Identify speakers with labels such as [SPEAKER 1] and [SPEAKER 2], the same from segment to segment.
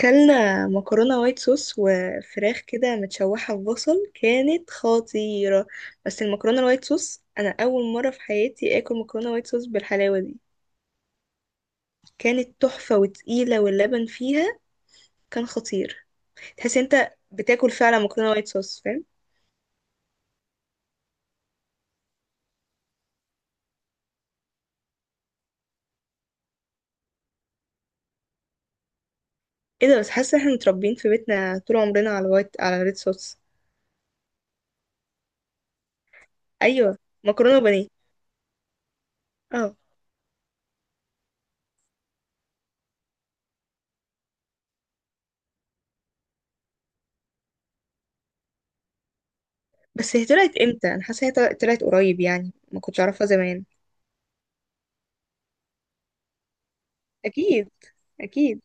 [SPEAKER 1] كلنا مكرونة وايت صوص وفراخ كده متشوحة في بصل، كانت خطيرة. بس المكرونة الوايت صوص أنا أول مرة في حياتي آكل مكرونة وايت صوص بالحلاوة دي. كانت تحفة وتقيلة، واللبن فيها كان خطير. تحس انت بتاكل فعلا مكرونة وايت صوص، فاهم. ايه ده، بس حاسة احنا متربيين في بيتنا طول عمرنا على الوايت، على الريد صوص. أيوة. مكرونة وبانيه. اه. بس هي طلعت امتى؟ أنا حاسة هي طلعت قريب يعني، ما كنتش أعرفها زمان. أكيد أكيد.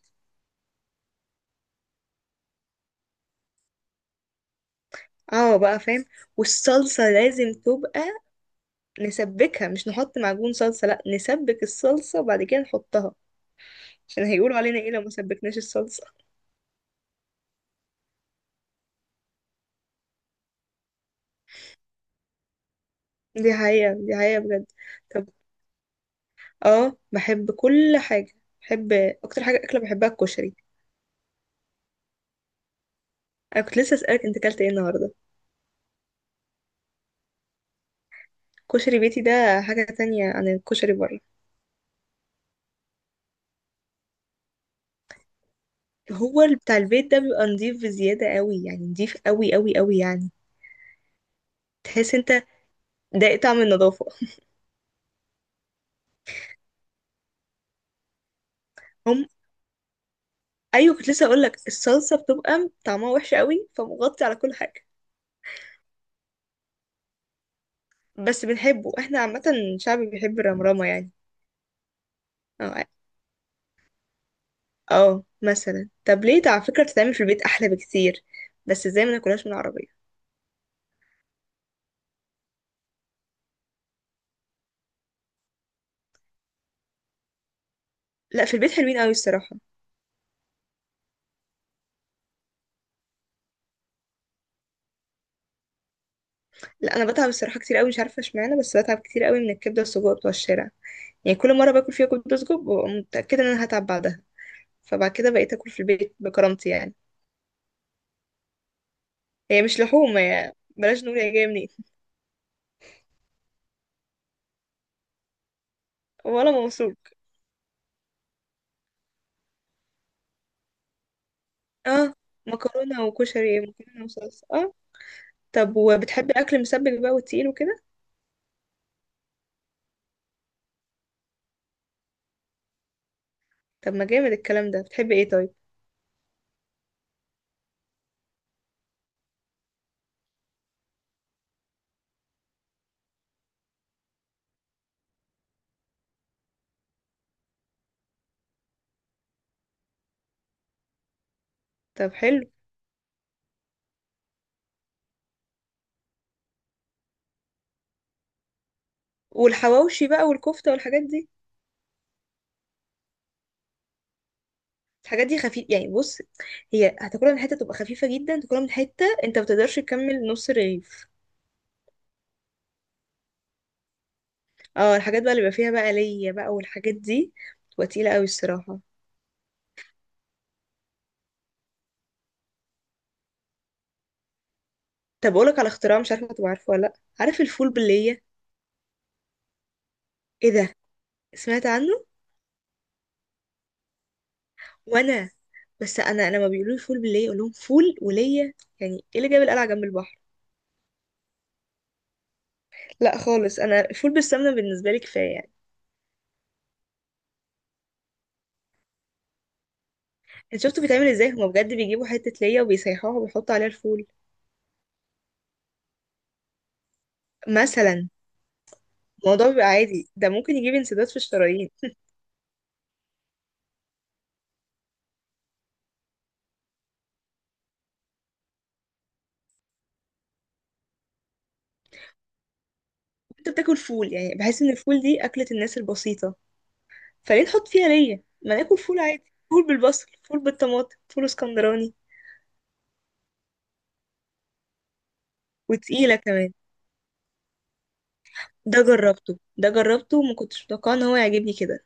[SPEAKER 1] اه بقى فاهم. والصلصة لازم تبقى نسبكها، مش نحط معجون صلصة. لا، نسبك الصلصة وبعد كده نحطها. عشان هيقولوا علينا ايه لو ما سبكناش الصلصة؟ دي حقيقة، دي حقيقة بجد. طب. اه، بحب كل حاجة. بحب اكتر حاجة اكلة، بحبها الكشري. انا كنت لسه اسألك انت اكلت ايه النهاردة. كشري بيتي ده حاجة تانية عن الكشري بره. هو ال- بتاع البيت ده بيبقى نضيف بزيادة قوي، يعني نضيف قوي قوي قوي يعني. تحس انت ده طعم النظافة. ايوه، كنت لسه اقول لك الصلصه بتبقى طعمها وحش قوي، فمغطي على كل حاجه. بس بنحبه احنا عامه. شعب بيحب الرمرامه يعني. اه. اه مثلا، طب ليه ده على فكره بتتعمل في البيت احلى بكتير؟ بس ازاي ما ناكلهاش من العربيه؟ لا، في البيت حلوين قوي الصراحه. لا انا بتعب الصراحه كتير قوي، مش عارفه اشمعنى، بس بتعب كتير قوي من الكبده والسجق بتوع الشارع. يعني كل مره باكل فيها كبده وسجق ببقى متاكده ان انا هتعب بعدها. فبعد كده بقيت اكل في البيت بكرامتي يعني. هي مش لحوم، هي بلاش نقول هي جايه منين. ولا موصول. اه. مكرونة وكشري، مكرونة وصلصة، اه. طب وبتحبي أكل مسبك بقى وتقيل وكده؟ طب ما جامد الكلام ده، بتحبي ايه طيب؟ طب حلو. والحواوشي بقى والكفتة والحاجات دي؟ الحاجات دي خفيف يعني، بص، هي هتاكلها من حتة تبقى خفيفة جدا، تاكلها من حتة انت ما بتقدرش تكمل نص رغيف. اه الحاجات بقى اللي بيبقى فيها بقى ليا بقى والحاجات دي بتبقى تقيلة قوي الصراحة. طب أقولك على اختراع، مش عارفة تبقى عارفة ولا لأ. عارف الفول باللية؟ ايه ده. سمعت عنه. وانا. بس انا لما بيقولوا لي فول باللية اقول لهم فول ولية. يعني ايه اللي جاب القلعة جنب البحر؟ لا خالص، انا فول بالسمنة بالنسبة لي كفاية يعني. انت شفتوا بيتعمل ازاي؟ هما بجد بيجيبوا حتة ليا وبيسيحوها وبيحطوا عليها الفول مثلا. الموضوع بيبقى عادي، ده ممكن يجيب انسداد في الشرايين. انت بتاكل فول يعني، بحس ان الفول دي اكلة الناس البسيطة، فليه نحط فيها ليا؟ ما ناكل فول عادي. فول بالبصل، فول بالطماطم، فول اسكندراني. وتقيلة كمان. ده جربته، ده جربته، وما كنتش متوقعه ان هو يعجبني كده.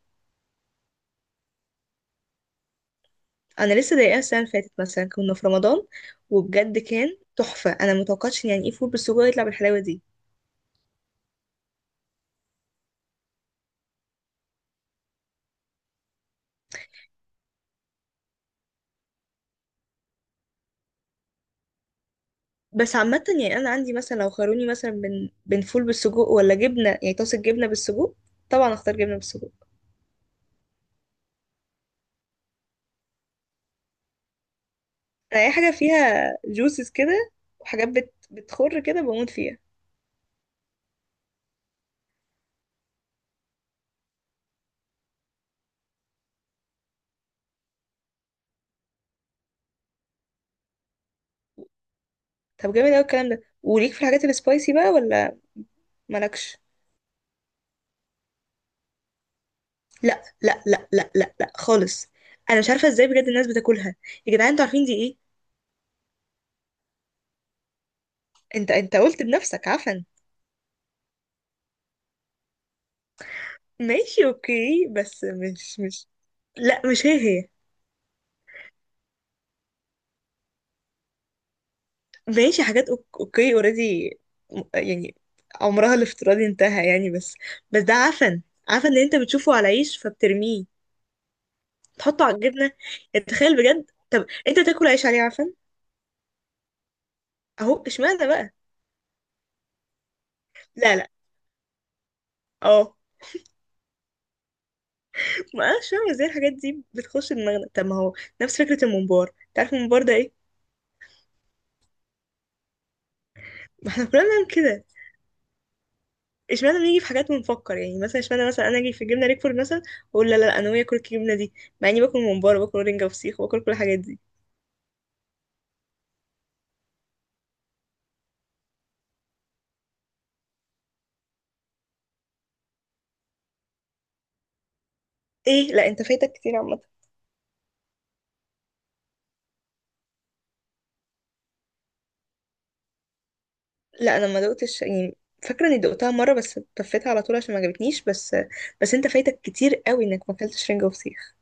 [SPEAKER 1] انا لسه ضايقاها السنه اللي فاتت مثلا، كنا في رمضان، وبجد كان تحفه. انا متوقعتش إن يعني ايه فول بالسجق يطلع بالحلاوه دي. بس عامه يعني انا عندي مثلا، لو خيروني مثلا بين فول بالسجق ولا جبنه يعني، طاسه جبنه بالسجق، طبعا اختار جبنه بالسجق. انا اي حاجه فيها جوسز كده وحاجات بت... بتخر كده بموت فيها. طب جامد قوي الكلام ده. وليك في الحاجات السبايسي بقى ولا؟ مالكش. لا لا لا لا لا لا، خالص. انا مش عارفه ازاي بجد الناس بتاكلها. يا جدعان، انتوا عارفين دي ايه؟ انت انت قلت بنفسك عفن. ماشي اوكي، بس مش. لا مش هي، هي. ماشي، حاجات اوكي اوريدي يعني. عمرها الافتراضي انتهى يعني بس. بس ده عفن. عفن اللي انت بتشوفه على عيش فبترميه، تحطه على الجبنة؟ يعني تخيل بجد، طب انت تاكل عيش عليه عفن؟ اهو اشمعنى بقى. لا لا. اه. ما اعرفش بقى ازاي الحاجات دي بتخش دماغنا، طب ما هو نفس فكرة الممبار. تعرف الممبار ده ايه؟ ما احنا كلنا بنعمل كده. اشمعنى بنيجي في حاجات ونفكر يعني؟ مثلا اشمعنى مثلا انا اجي في جبنه ريكفورد مثلا واقول لا لا لا، انا ناويه اكل الجبنه دي، مع اني باكل ممبار وباكل رنجه وفسيخ وباكل كل الحاجات دي. ايه، لا انت فايتك كتير عامه. لا انا ما دقتش يعني، فاكره اني دقتها مره بس طفيتها على طول عشان ما عجبتنيش بس. بس انت فايتك كتير قوي انك ما اكلتش رنجه وفسيخ.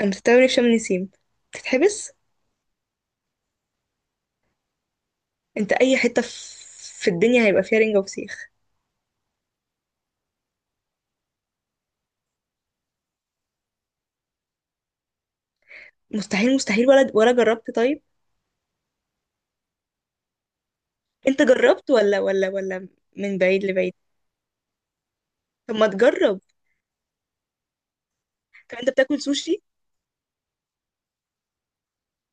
[SPEAKER 1] انا مستغرب شم نسيم تتحبس. انت اي حته في في الدنيا هيبقى فيها رنجه وفسيخ. مستحيل مستحيل، ولا جربت طيب؟ انت جربت ولا ولا؟ من بعيد لبعيد. طب ما تجرب. طب انت بتاكل سوشي؟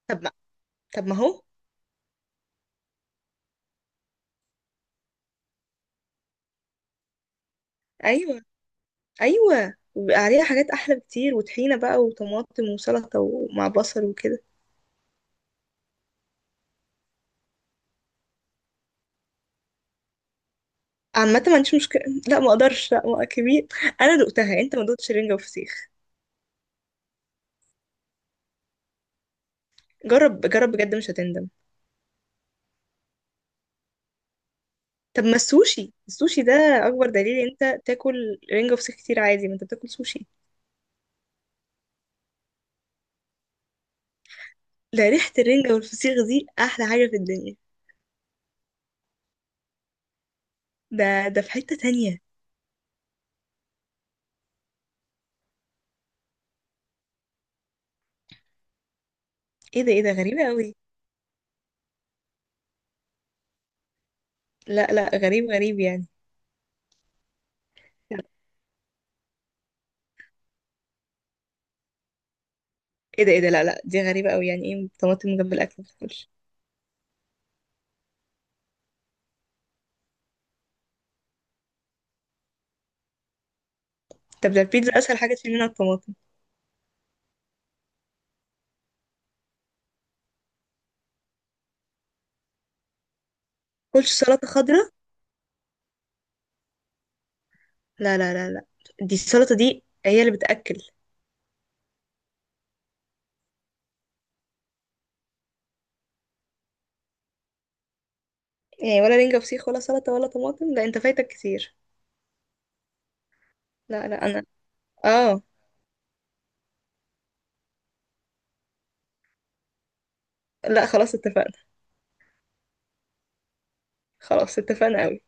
[SPEAKER 1] طب ما، هو. ايوه، ايوه وبيبقى عليها حاجات احلى بكتير، وطحينه بقى وطماطم وسلطه ومع بصل وكده. عامه ما عنديش مشكله. لا ما اقدرش، لا ما كبير. انا دقتها، انت ما دقتش رنجه وفسيخ. جرب، جرب بجد مش هتندم. طب ما السوشي، السوشي ده اكبر دليل إن انت تاكل رنجه وفسيخ كتير عادي، ما انت بتاكل سوشي. ده ريحه الرنجه والفسيخ دي احلى حاجه في الدنيا. ده ده في حته تانية. ايه ده، ايه ده، غريبه قوي. لا لا، غريب غريب يعني. ايه ده، ايه ده، لا لا دي غريبة قوي. يعني ايه طماطم جنب الاكل ما بتاكلش؟ طب ده البيتزا اسهل حاجة تشيل منها الطماطم. كلش سلطة خضراء. لا لا لا لا، دي السلطة دي هي اللي بتأكل. يعني ولا رنجة فسيخ، ولا سلطة، ولا طماطم؟ لا انت فايتك كتير. لا لا انا. اه. لا خلاص اتفقنا. خلاص اتفقنا قوي.